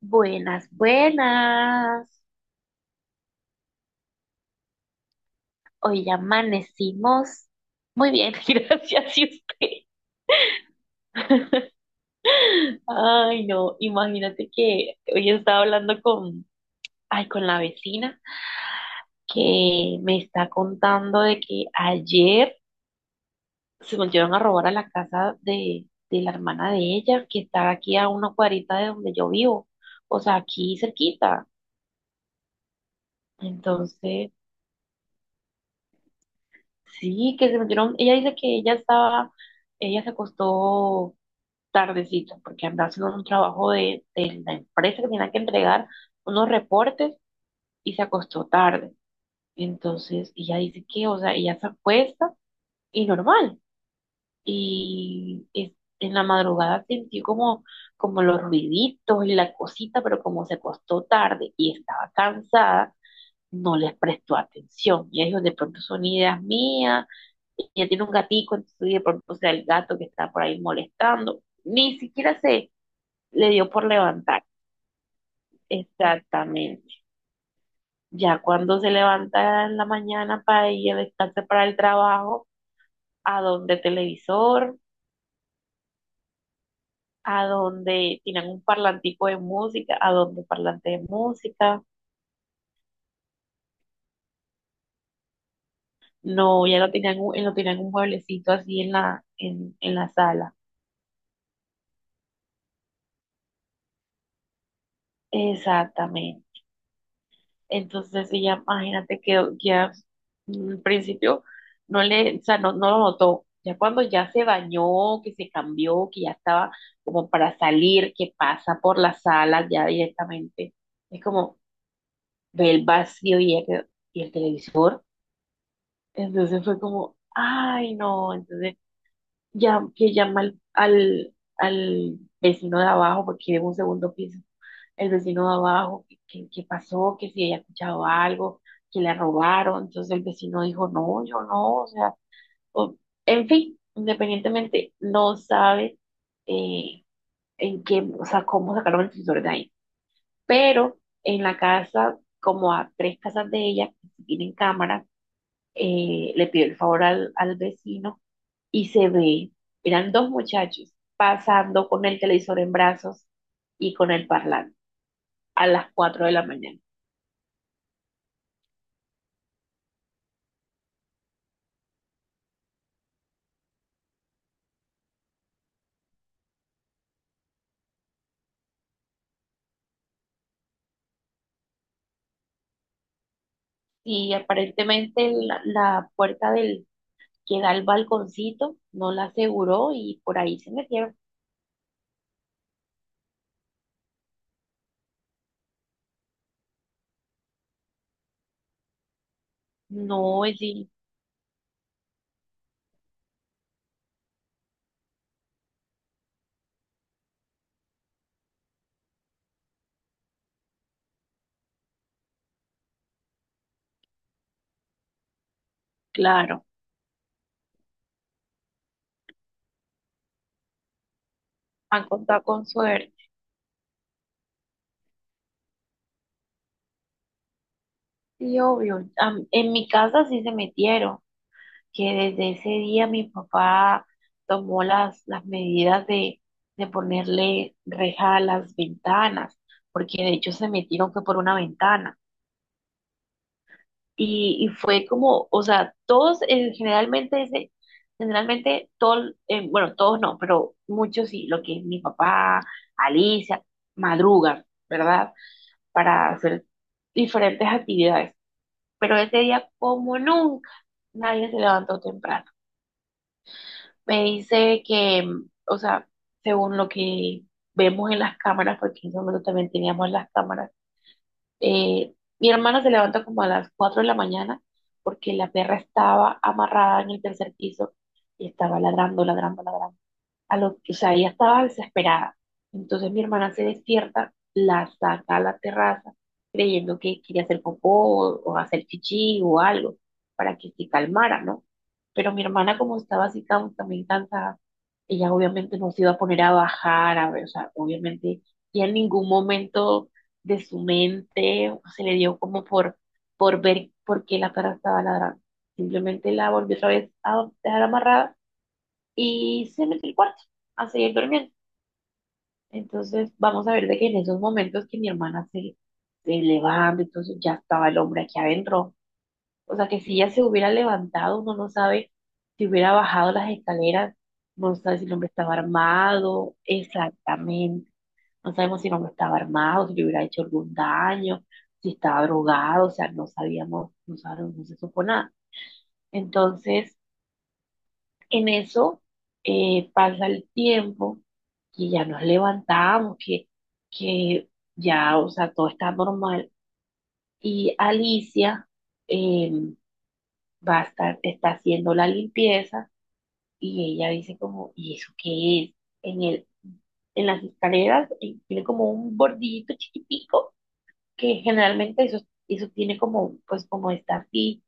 Buenas, buenas. Hoy ya amanecimos muy bien, gracias. ¿Y usted? Ay, no, imagínate que hoy estaba hablando ay, con la vecina que me está contando de que ayer se volvieron a robar a la casa de la hermana de ella, que está aquí a una cuadrita de donde yo vivo, o sea, aquí cerquita. Entonces, sí, que se metieron, ella dice que ella se acostó tardecito porque andaba haciendo un trabajo de la empresa que tenía que entregar unos reportes y se acostó tarde. Entonces, ella dice que, o sea, ella se acuesta y normal. Y es- en la madrugada sintió como, como los ruiditos y la cosita, pero como se acostó tarde y estaba cansada, no les presto atención. Y ahí es donde de pronto son ideas mías, y ya tiene un gatico, entonces de pronto sea el gato que está por ahí molestando. Ni siquiera se le dio por levantar. Exactamente. Ya cuando se levanta en la mañana para ir a descansar para el trabajo, a donde televisor, a donde tienen un parlantico de música, a donde parlante de música. No, ya lo tenían, lo tenían un mueblecito así en en la sala. Exactamente. Entonces ella, imagínate que ya al principio no le, o sea, no lo notó. Ya cuando ya se bañó, que se cambió, que ya estaba como para salir, que pasa por la sala ya directamente, es como ve el vacío y, y el televisor. Entonces fue como, ay no, entonces ya que llama al vecino de abajo porque vive en un segundo piso el vecino de abajo, que pasó, que si ella escuchado algo, que le robaron. Entonces el vecino dijo, no, yo no, o sea, o- en fin, independientemente, no sabe eh, en qué, o sea, cómo sacaron el televisor de ahí. Pero en la casa, como a tres casas de ella, que sí tienen cámara, le pidió el favor al vecino y se ve, eran dos muchachos pasando con el televisor en brazos y con el parlante a las cuatro de la mañana. Y aparentemente la puerta del que da al balconcito no la aseguró y por ahí se metieron. No, sí, claro, han contado con suerte. Sí, obvio. A en mi casa sí se metieron, que desde ese día mi papá tomó las medidas de ponerle reja a las ventanas, porque de hecho se metieron que por una ventana. Y fue como, o sea, todos generalmente, generalmente todo, bueno, todos no, pero muchos sí, lo que es mi papá, Alicia, madrugan, ¿verdad? Para hacer diferentes actividades. Pero ese día, como nunca, nadie se levantó temprano. Me dice que, mm, o sea, según lo que vemos en las cámaras, porque en ese momento también teníamos las cámaras, mi hermana se levanta como a las 4 de la mañana porque la perra estaba amarrada en el tercer piso y estaba ladrando, ladrando, ladrando a lo, o sea, ella estaba desesperada. Entonces mi hermana se despierta, la saca a la terraza, creyendo que quería hacer popó o hacer chichi o algo para que se calmara, ¿no? Pero mi hermana, como estaba así tan, también cansada, ella obviamente no se iba a poner a bajar, a ver, o sea, obviamente, y en ningún momento de su mente se le dio como por ver por qué la perra estaba ladrando. Simplemente la volvió otra vez a dejar amarrada y se metió al cuarto a seguir durmiendo. Entonces, vamos a ver de que en esos momentos que se levanta, entonces ya estaba el hombre aquí adentro. O sea, que si ella se hubiera levantado, uno no sabe si hubiera bajado las escaleras, no sabe si el hombre estaba armado, exactamente. No sabemos si el hombre estaba armado, si le hubiera hecho algún daño, si estaba drogado, o sea, no sabíamos, no sabemos, no se supo nada. Entonces, en eso pasa el tiempo y ya nos levantamos, que ya, o sea, todo está normal. Y Alicia eh, está haciendo la limpieza y ella dice como, ¿y eso qué es? En el, en las escaleras tiene como un bordillito chiquitico, que generalmente eso, eso tiene como, pues como está así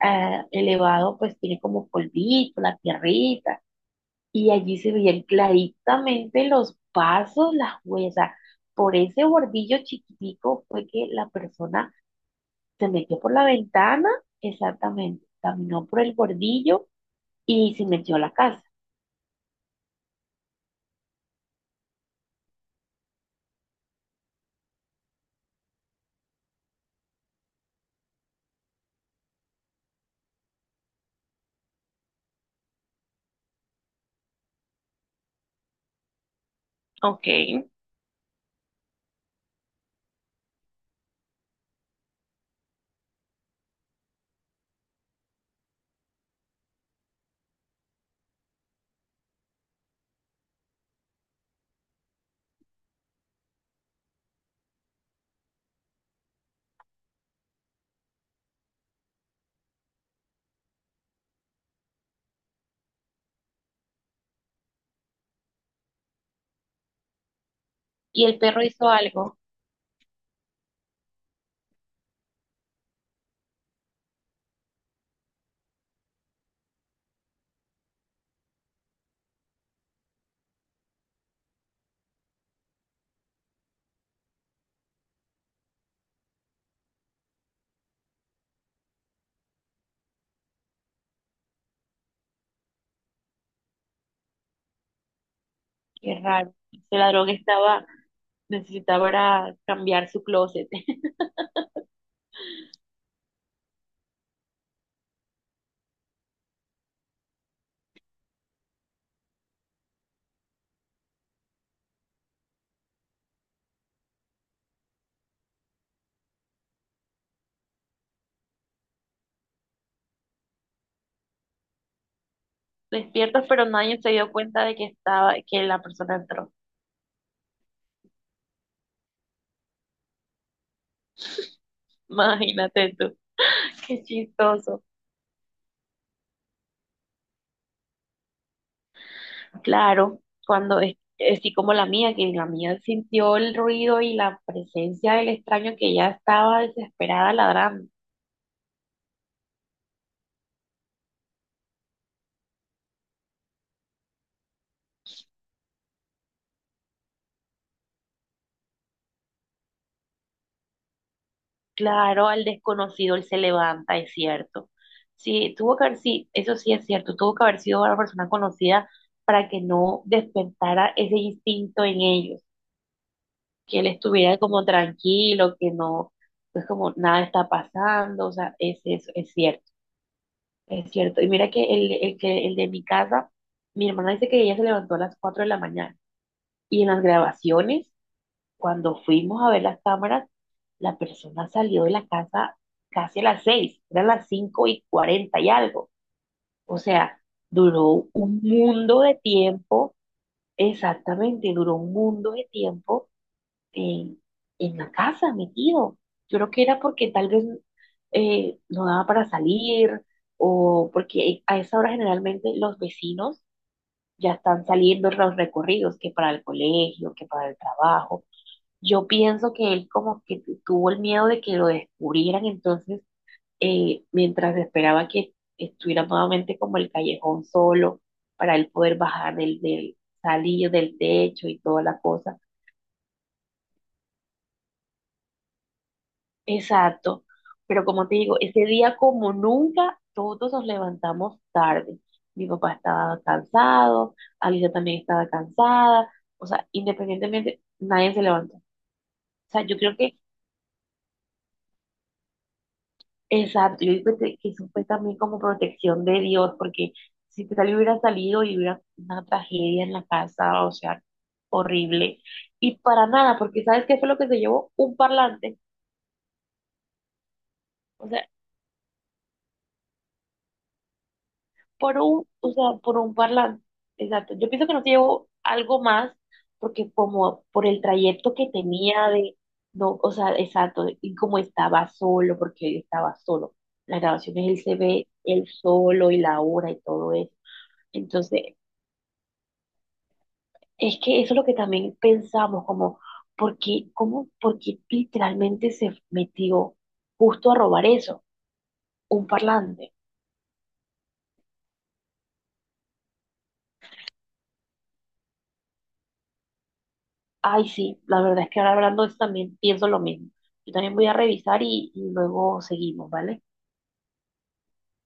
ah, elevado, pues tiene como polvito, la tierrita y allí se veían claritamente los pasos, las huellas. O sea, por ese bordillo chiquitico fue que la persona se metió por la ventana, exactamente, caminó por el bordillo y se metió a la casa. Ok. Y el perro hizo algo, qué raro. Ese ladrón estaba, necesitaba era cambiar su closet. Despierto, pero nadie se dio cuenta de que estaba, que la persona entró. Imagínate tú, qué chistoso. Claro, cuando es así como la mía, que la mía sintió el ruido y la presencia del extraño que ya estaba desesperada ladrando. Claro, al desconocido él se levanta, es cierto. Sí, tuvo que haber, sí, eso sí es cierto, tuvo que haber sido una persona conocida para que no despertara ese instinto en ellos, que él estuviera como tranquilo, que no, pues como nada está pasando, o sea, es cierto. Es cierto. Y mira que el de mi casa, mi hermana dice que ella se levantó a las 4 de la mañana. Y en las grabaciones, cuando fuimos a ver las cámaras, la persona salió de la casa casi a las seis, eran las 5 y 40 y algo. O sea, duró un mundo de tiempo, exactamente, duró un mundo de tiempo en, en la casa, metido. Yo creo que era porque tal vez no daba para salir o porque a esa hora generalmente los vecinos ya están saliendo los recorridos, que para el colegio, que para el trabajo. Yo pienso que él como que tuvo el miedo de que lo descubrieran, entonces mientras esperaba que estuviera nuevamente como el callejón solo para él poder bajar del salillo del techo y toda la cosa. Exacto, pero como te digo, ese día como nunca, todos nos levantamos tarde. Mi papá estaba cansado, Alicia también estaba cansada, o sea, independientemente, nadie se levantó. O sea, yo creo que, exacto, yo digo que eso fue también como protección de Dios, porque si tal hubiera salido y hubiera una tragedia en la casa, o sea, horrible. Y para nada, porque ¿sabes qué fue lo que se llevó? Un parlante. O sea, por un, o sea, por un parlante. Exacto. Yo pienso que no se llevó algo más porque como por el trayecto que tenía de, no, o sea, exacto, y como estaba solo, porque él estaba solo. Las grabaciones él se ve él solo y la hora y todo eso. Entonces, es que eso es lo que también pensamos, como, ¿por qué, cómo, por qué literalmente se metió justo a robar eso? Un parlante. Ay, sí, la verdad es que ahora hablando de esto también pienso lo mismo. Yo también voy a revisar y luego seguimos, ¿vale?